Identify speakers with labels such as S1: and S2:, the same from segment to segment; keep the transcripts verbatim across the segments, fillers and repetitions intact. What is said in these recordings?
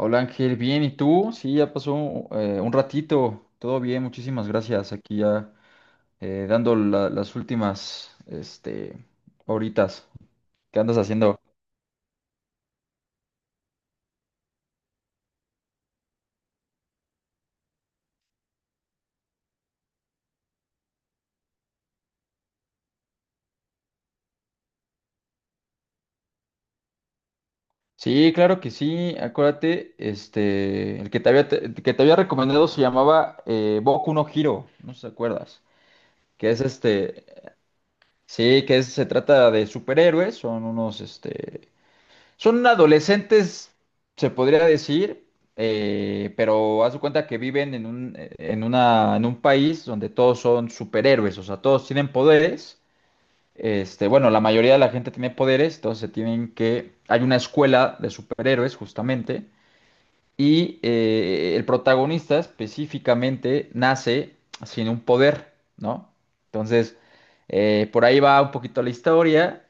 S1: Hola Ángel, bien, ¿y tú? Sí, ya pasó eh, un ratito, todo bien, muchísimas gracias. Aquí ya eh, dando la- las últimas, este, horitas. ¿Qué andas haciendo? Sí, claro que sí, acuérdate, este, el que te había, el que te había recomendado se llamaba eh, Boku no Hero, no sé si te acuerdas, que es este, sí, que es- se trata de superhéroes, son unos, este, son adolescentes, se podría decir, eh, pero haz de cuenta que viven en un, en una, en un país donde todos son superhéroes, o sea, todos tienen poderes. Este, bueno, la mayoría de la gente tiene poderes, entonces se tienen que. Hay una escuela de superhéroes, justamente, y eh, el protagonista específicamente nace sin un poder, ¿no? Entonces, eh, por ahí va un poquito la historia.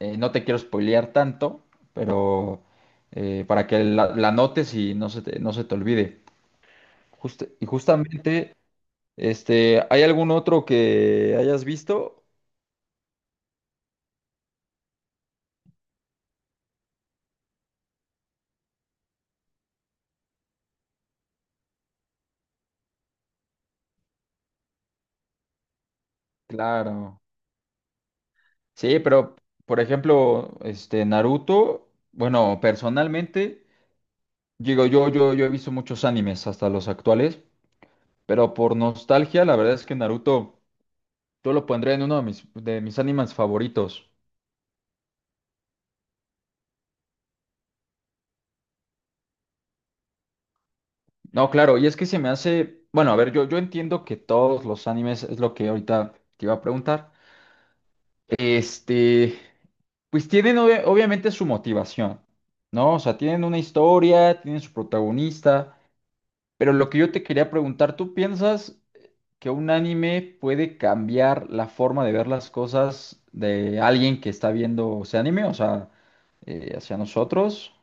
S1: Eh, no te quiero spoilear tanto, pero eh, para que la, la notes y no se te, no se te olvide. Just- y justamente, este, ¿hay algún otro que hayas visto? Claro. Sí, pero, por ejemplo, este, Naruto, bueno, personalmente, digo, yo, yo, yo he visto muchos animes, hasta los actuales, pero por nostalgia, la verdad es que Naruto, yo lo pondré en uno de mis, de mis animes favoritos. No, claro, y es que se me hace, bueno, a ver, yo, yo entiendo que todos los animes es lo que ahorita te iba a preguntar. Este, pues tienen obvia- obviamente su motivación, ¿no? O sea, tienen una historia, tienen su protagonista, pero lo que yo te quería preguntar, ¿tú piensas que un anime puede cambiar la forma de ver las cosas de alguien que está viendo ese anime, o sea, eh, hacia nosotros?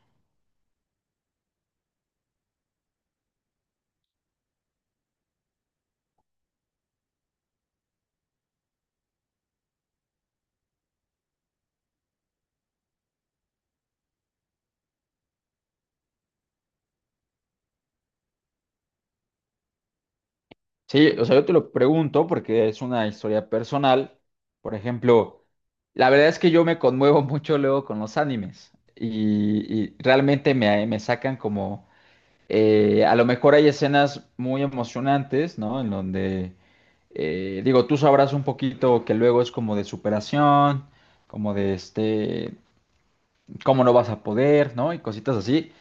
S1: Sí, o sea, yo te lo pregunto porque es una historia personal. Por ejemplo, la verdad es que yo me conmuevo mucho luego con los animes y, y realmente me, me sacan como, eh, a lo mejor hay escenas muy emocionantes, ¿no? En donde, eh, digo, tú sabrás un poquito que luego es como de superación, como de este, cómo no vas a poder, ¿no? Y cositas así.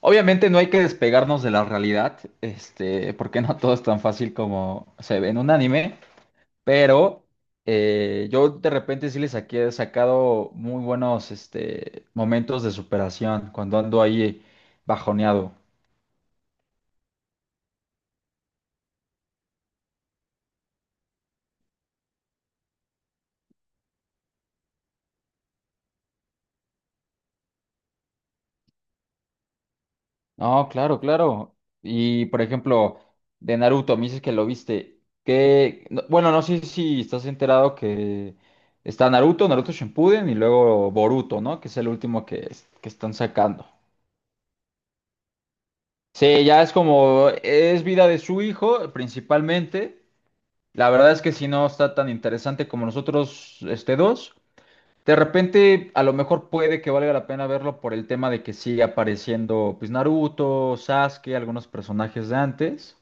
S1: Obviamente no hay que despegarnos de la realidad, este, porque no todo es tan fácil como se ve en un anime, pero eh, yo de repente sí les saqué- he sacado muy buenos este, momentos de superación cuando ando ahí bajoneado. No, claro, claro. Y por ejemplo, de Naruto, me dices que lo viste. Que, no- bueno, no sé si estás enterado que está Naruto, Naruto Shippuden y luego Boruto, ¿no? Que es el último que, es- que están sacando. Sí, ya es como, es vida de su hijo principalmente. La verdad es que si no está tan interesante como nosotros, este dos. De repente, a lo mejor puede que valga la pena verlo por el tema de que sigue apareciendo, pues Naruto, Sasuke, algunos personajes de antes.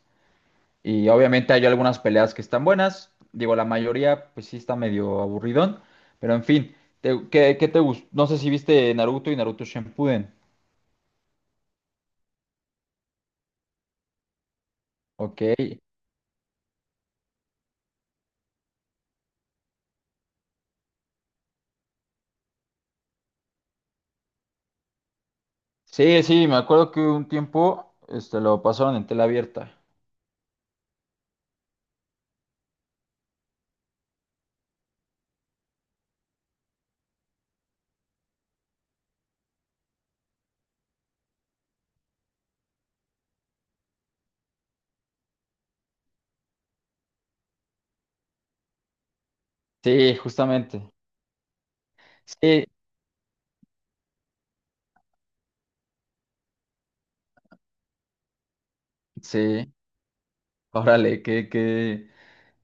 S1: Y obviamente hay algunas peleas que están buenas. Digo, la mayoría, pues sí está medio aburridón. Pero en fin, te- ¿qué, qué te gustó? No sé si viste Naruto y Naruto Shippuden. Ok. Sí, sí, me acuerdo que un tiempo este, lo pasaron en tela abierta. Sí, justamente. Sí, sí. Órale, qué, qué,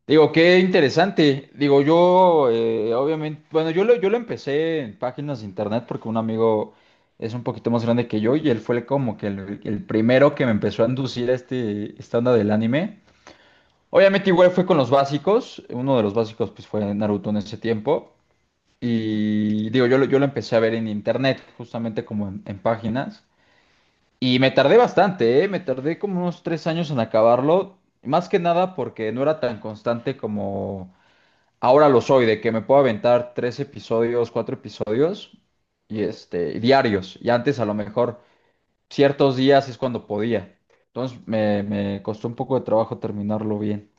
S1: digo, qué interesante. Digo, yo, eh, obviamente, bueno, yo lo, yo lo empecé en páginas de internet porque un amigo es un poquito más grande que yo y él fue el- como que el, el primero que me empezó a inducir a este, esta onda del anime. Obviamente igual fue con los básicos, uno de los básicos pues fue Naruto en ese tiempo y digo, yo lo, yo lo empecé a ver en internet, justamente como en, en páginas y me tardé bastante, ¿eh? Me tardé como unos tres años en acabarlo, más que nada porque no era tan constante como... Ahora lo soy, de que me puedo aventar tres episodios, cuatro episodios, y este, diarios. Y antes a lo mejor ciertos días es cuando podía. Entonces me, me costó un poco de trabajo terminarlo bien.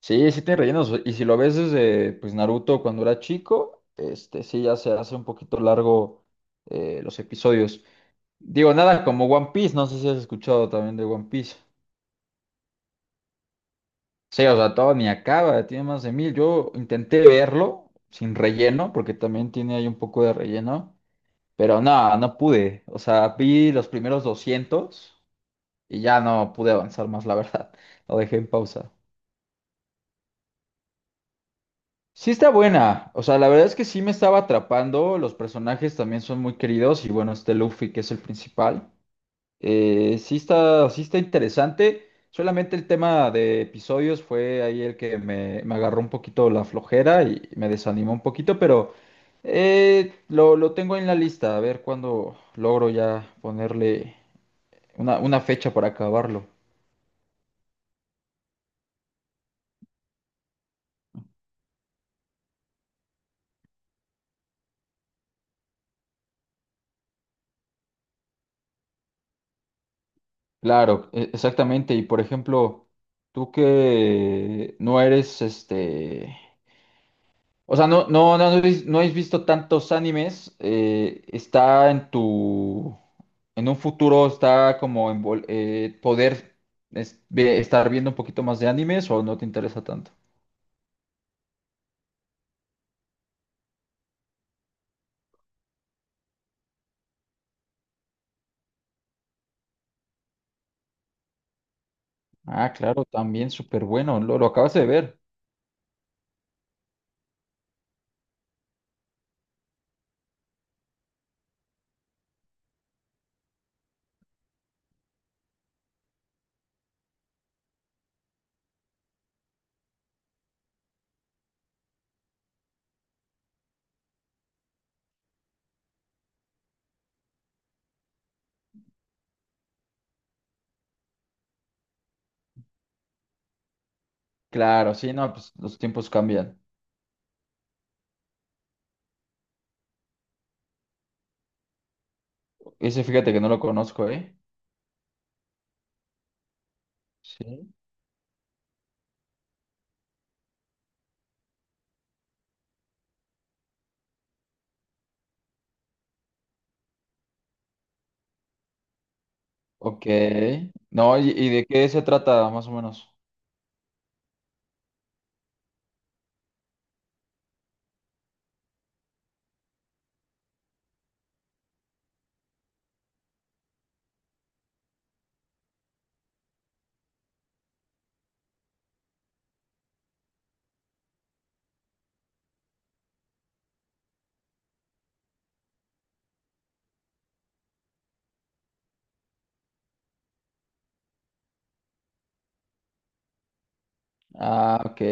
S1: Sí, sí tiene rellenos. Y si lo ves desde pues Naruto cuando era chico, este sí ya se hace un poquito largo eh, los episodios. Digo, nada, como One Piece, no sé si has escuchado también de One Piece. Sí, o sea, todo ni acaba, tiene más de mil. Yo intenté verlo sin relleno, porque también tiene ahí un poco de relleno, pero no, no pude. O sea, vi los primeros doscientos y ya no pude avanzar más, la verdad. Lo dejé en pausa. Sí está buena, o sea, la verdad es que sí me estaba atrapando, los personajes también son muy queridos y bueno, este Luffy que es el principal. Eh, sí está, sí está interesante. Solamente el tema de episodios fue ahí el que me, me agarró un poquito la flojera y me desanimó un poquito, pero eh, lo, lo tengo en la lista. A ver cuándo logro ya ponerle una, una fecha para acabarlo. Claro, e- exactamente. Y por ejemplo, tú que no eres este. O sea, no, no, no, no habéis no habéis visto tantos animes. eh, está en tu, en un futuro está como en vol- eh, poder es- ve- estar viendo un poquito más de animes o no te interesa tanto. Ah, claro, también súper bueno. Lo, lo acabas de ver. Claro, sí, no, pues los tiempos cambian. Ese fíjate que no lo conozco, ¿eh? Sí. Ok. No, ¿y, y de qué se trata más o menos? Ah, ok.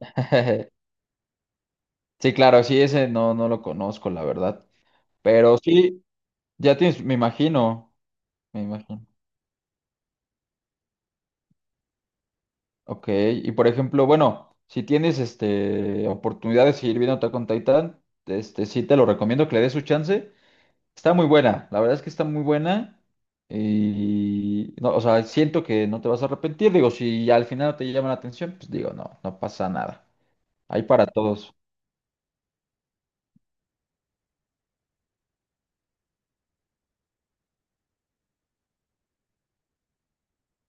S1: Sí, claro, sí, ese no, no lo conozco, la verdad. Pero sí. Ya tienes, me imagino, me imagino. Ok, y por ejemplo, bueno, si tienes este oportunidad de seguir viendo Attack on Titan, este sí te lo recomiendo que le des su chance. Está muy buena, la verdad es que está muy buena. Y no, o sea, siento que no te vas a arrepentir. Digo, si al final no te llama la atención, pues digo, no, no pasa nada. Hay para todos.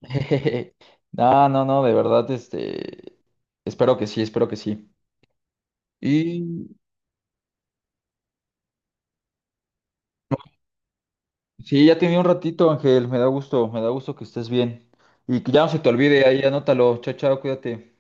S1: No, no, no, de verdad, este, espero que sí, espero que sí. Y sí, ya tenía un ratito, Ángel. Me da gusto, me da gusto que estés bien. Y que ya no se te olvide, ahí anótalo. Chao, chao, cuídate.